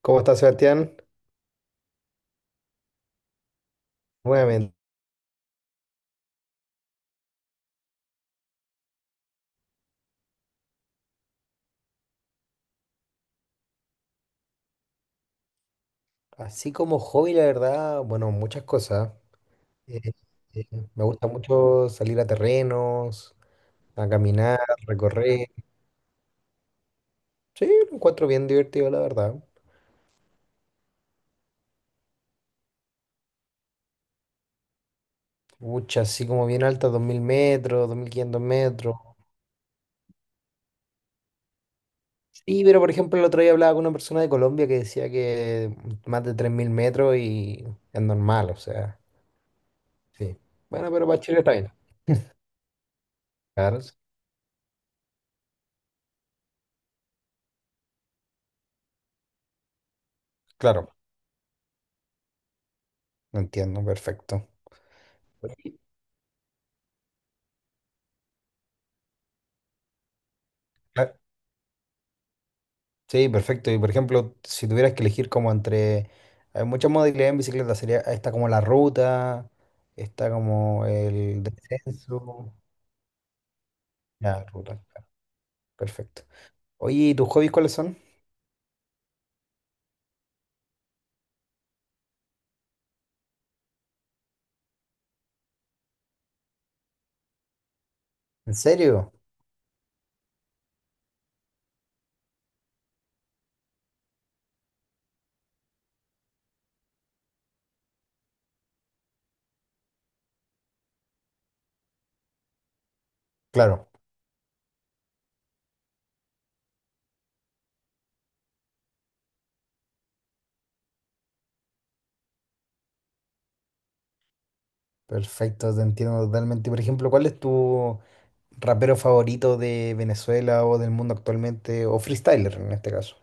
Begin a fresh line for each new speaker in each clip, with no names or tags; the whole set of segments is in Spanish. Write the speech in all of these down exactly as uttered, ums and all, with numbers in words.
¿Cómo estás, Sebastián? Nuevamente. Así como hobby, la verdad, bueno, muchas cosas. Eh, eh, me gusta mucho salir a terrenos, a caminar, recorrer. Sí, lo encuentro bien divertido, la verdad. Muchas, así como bien altas, dos mil metros, dos mil quinientos metros. Sí, pero por ejemplo, el otro día hablaba con una persona de Colombia que decía que más de tres mil metros y es normal, o sea, sí. Bueno, pero para Chile está bien. Claro, claro, entiendo, perfecto. Sí, perfecto. Y por ejemplo, si tuvieras que elegir como entre... Hay muchas modalidades en bicicleta. Sería, está como la ruta, está como el descenso. La ruta, claro, perfecto. Oye, ¿y tus hobbies cuáles son? ¿En serio? Claro, perfecto, te entiendo totalmente. Por ejemplo, ¿cuál es tu rapero favorito de Venezuela o del mundo actualmente? O freestyler en este caso.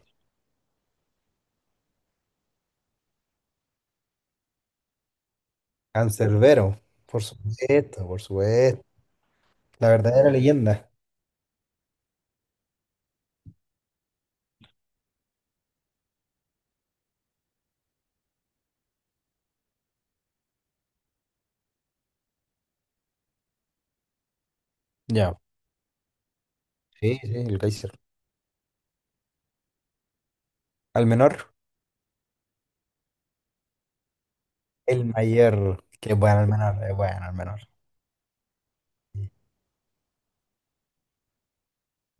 Cancerbero, por supuesto, por supuesto. La verdadera leyenda. Ya. Sí, sí, el Kaiser. ¿Al menor? El mayor, que es bueno el menor, es bueno el menor. Sí.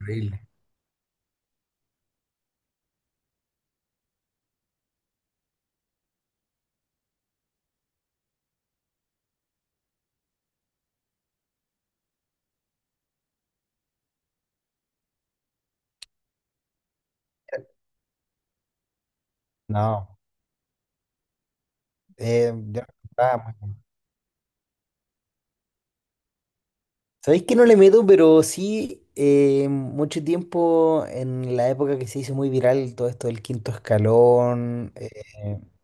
Increíble. No, eh, yo estaba muy bueno. Sabéis que no le meto, pero sí, eh, mucho tiempo en la época que se hizo muy viral todo esto del quinto escalón, eh,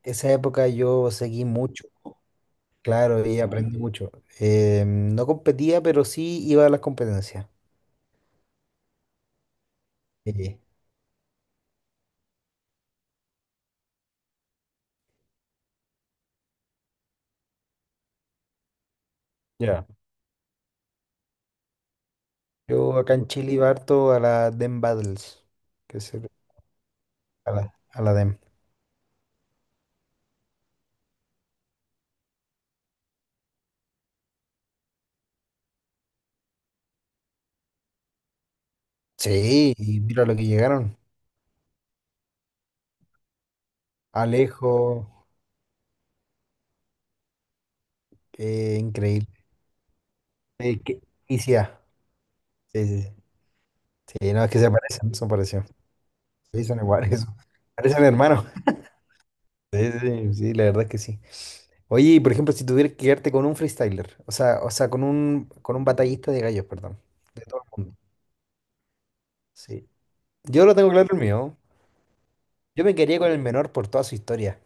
esa época yo seguí mucho, claro, y aprendí mucho. Eh, no competía, pero sí iba a las competencias. Sí. Ya. Yo acá en Chile iba harto a la D E M Battles, que se a la, a la D E M. Sí, y mira lo que llegaron. Alejo, eh, increíble. Eh, que- y sí, ah, sí, sí, sí. Sí, no, es que se parecen, son parecidos. Sí, son iguales. son- Parecen hermanos. Sí, sí, sí, la verdad es que sí. Oye, y por ejemplo, si tuvieras que quedarte con un freestyler, o sea, o sea, con un, con un batallista de gallos, perdón, de todo el mundo. Sí. Yo lo tengo claro el mío. Yo me quería con el menor por toda su historia.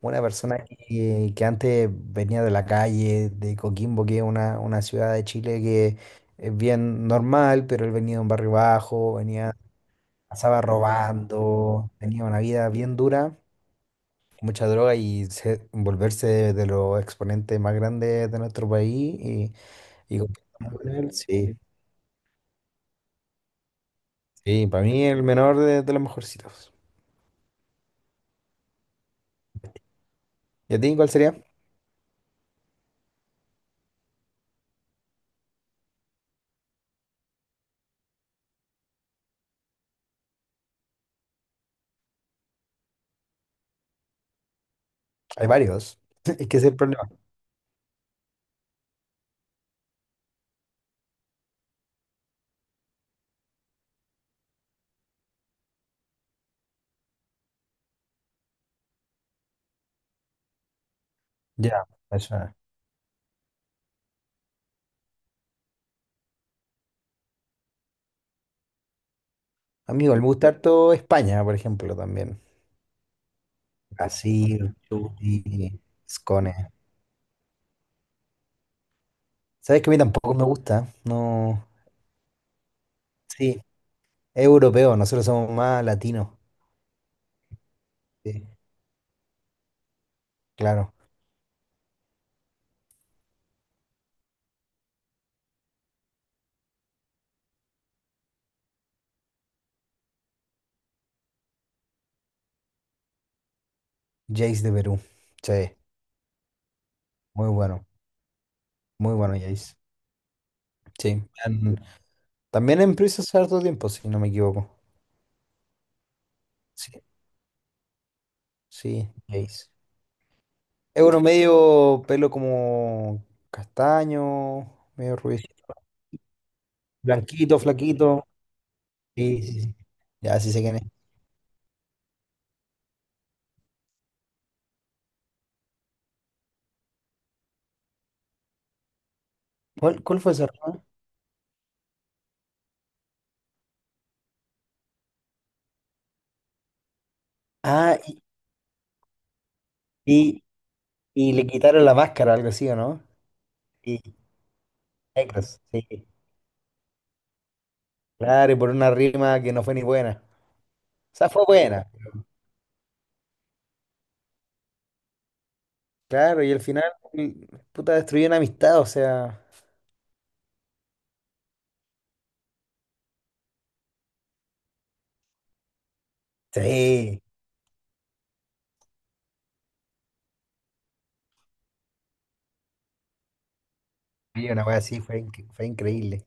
Una persona que, que antes venía de la calle, de Coquimbo, que es una, una ciudad de Chile que es bien normal, pero él venía de un barrio bajo, venía, pasaba robando, tenía una vida bien dura, mucha droga y se- volverse de, de los exponentes más grandes de nuestro país. Y, y compartirlo con él, sí, sí, para mí el menor de, de los mejorcitos. ¿Y a ti cuál sería? Hay varios. Es que ese es el problema. Ya, eso. Amigo, me gusta harto España, por ejemplo, también. Brasil, Chile, y Scone. ¿Sabes que a mí tampoco me gusta? No. Sí, es europeo, nosotros somos más latinos. Sí, claro. Jace de Perú. Sí, muy bueno. Muy bueno, Jace. Sí. en- También en Prisa hace harto tiempo, si no me equivoco. Sí, sí, Jace. Es uno medio pelo como castaño, medio rubio. Blanquito, flaquito. Sí, sí, sí. Ya, sí sé quién es. ¿Cuál, cuál fue ese error? Ah, y, y, y le quitaron la máscara, algo así, ¿o no? Y negros, sí. Claro, y por una rima que no fue ni buena. O sea, fue buena. Claro, y al final, y- puta, destruyó una amistad, o sea. Sí, sí, una wea así, fue, inc- fue increíble.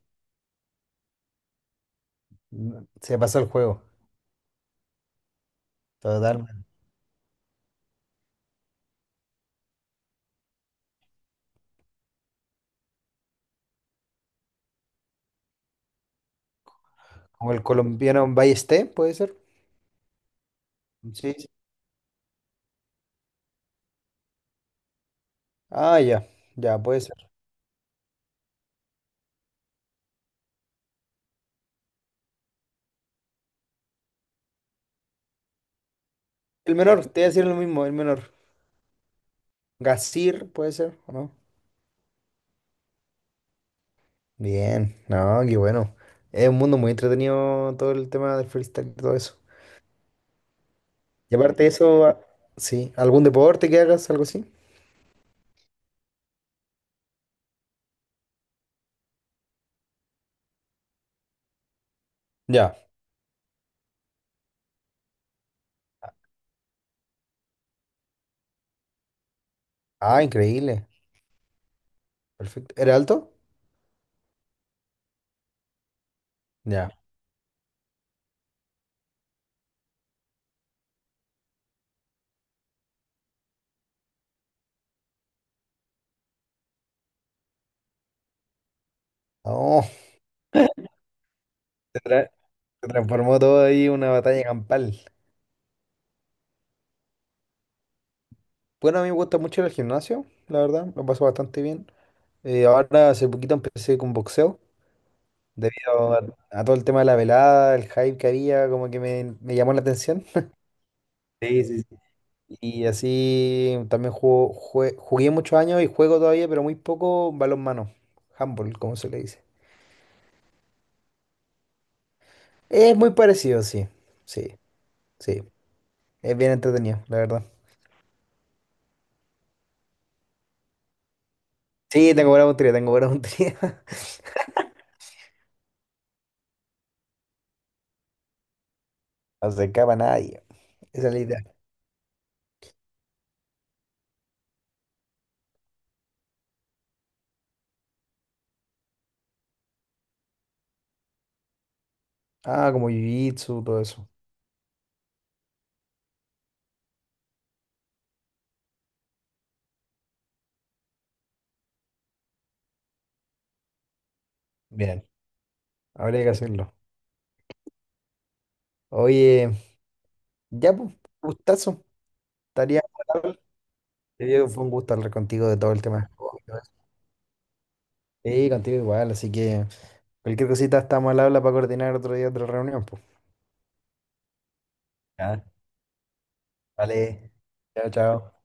No, se pasó el juego, totalmente. Como el colombiano Ballesté, ¿puede ser? Sí. Sí. Ah, ya, ya, puede ser. El menor, te voy a decir lo mismo, el menor. Gasir, ¿puede ser? ¿O no? Bien, no, qué bueno. Es un mundo muy entretenido todo el tema del freestyle y todo eso. Y aparte de eso, a- sí, ¿algún deporte que hagas, algo así? Ya. Ah, increíble. Perfecto. ¿Era alto? Ya. Oh, se tra- se transformó todo ahí en una batalla campal. Bueno, a mí me gusta mucho el gimnasio, la verdad, lo paso bastante bien. Eh, ahora hace poquito empecé con boxeo, debido a, a todo el tema de la velada, el hype que había, como que me, me llamó la atención. Sí, sí. Y así también jugo- jue- jugué muchos años y juego todavía, pero muy poco balonmano. Handball, como se le dice. Es muy parecido, sí. Sí, sí. Es bien entretenido, la verdad. Sí, tengo buena puntería, tengo buena puntería. No se escapa nadie. Esa es la idea. Ah, como jiu-jitsu, todo eso. Bien, habría que hacerlo. Oye, ya, pues, gustazo. Estaría bueno. Eh, fue un gusto hablar contigo de todo el tema. Sí, contigo igual, así que cualquier cosita estamos al habla para coordinar otro día otra reunión. Ya, vale, chao, chao.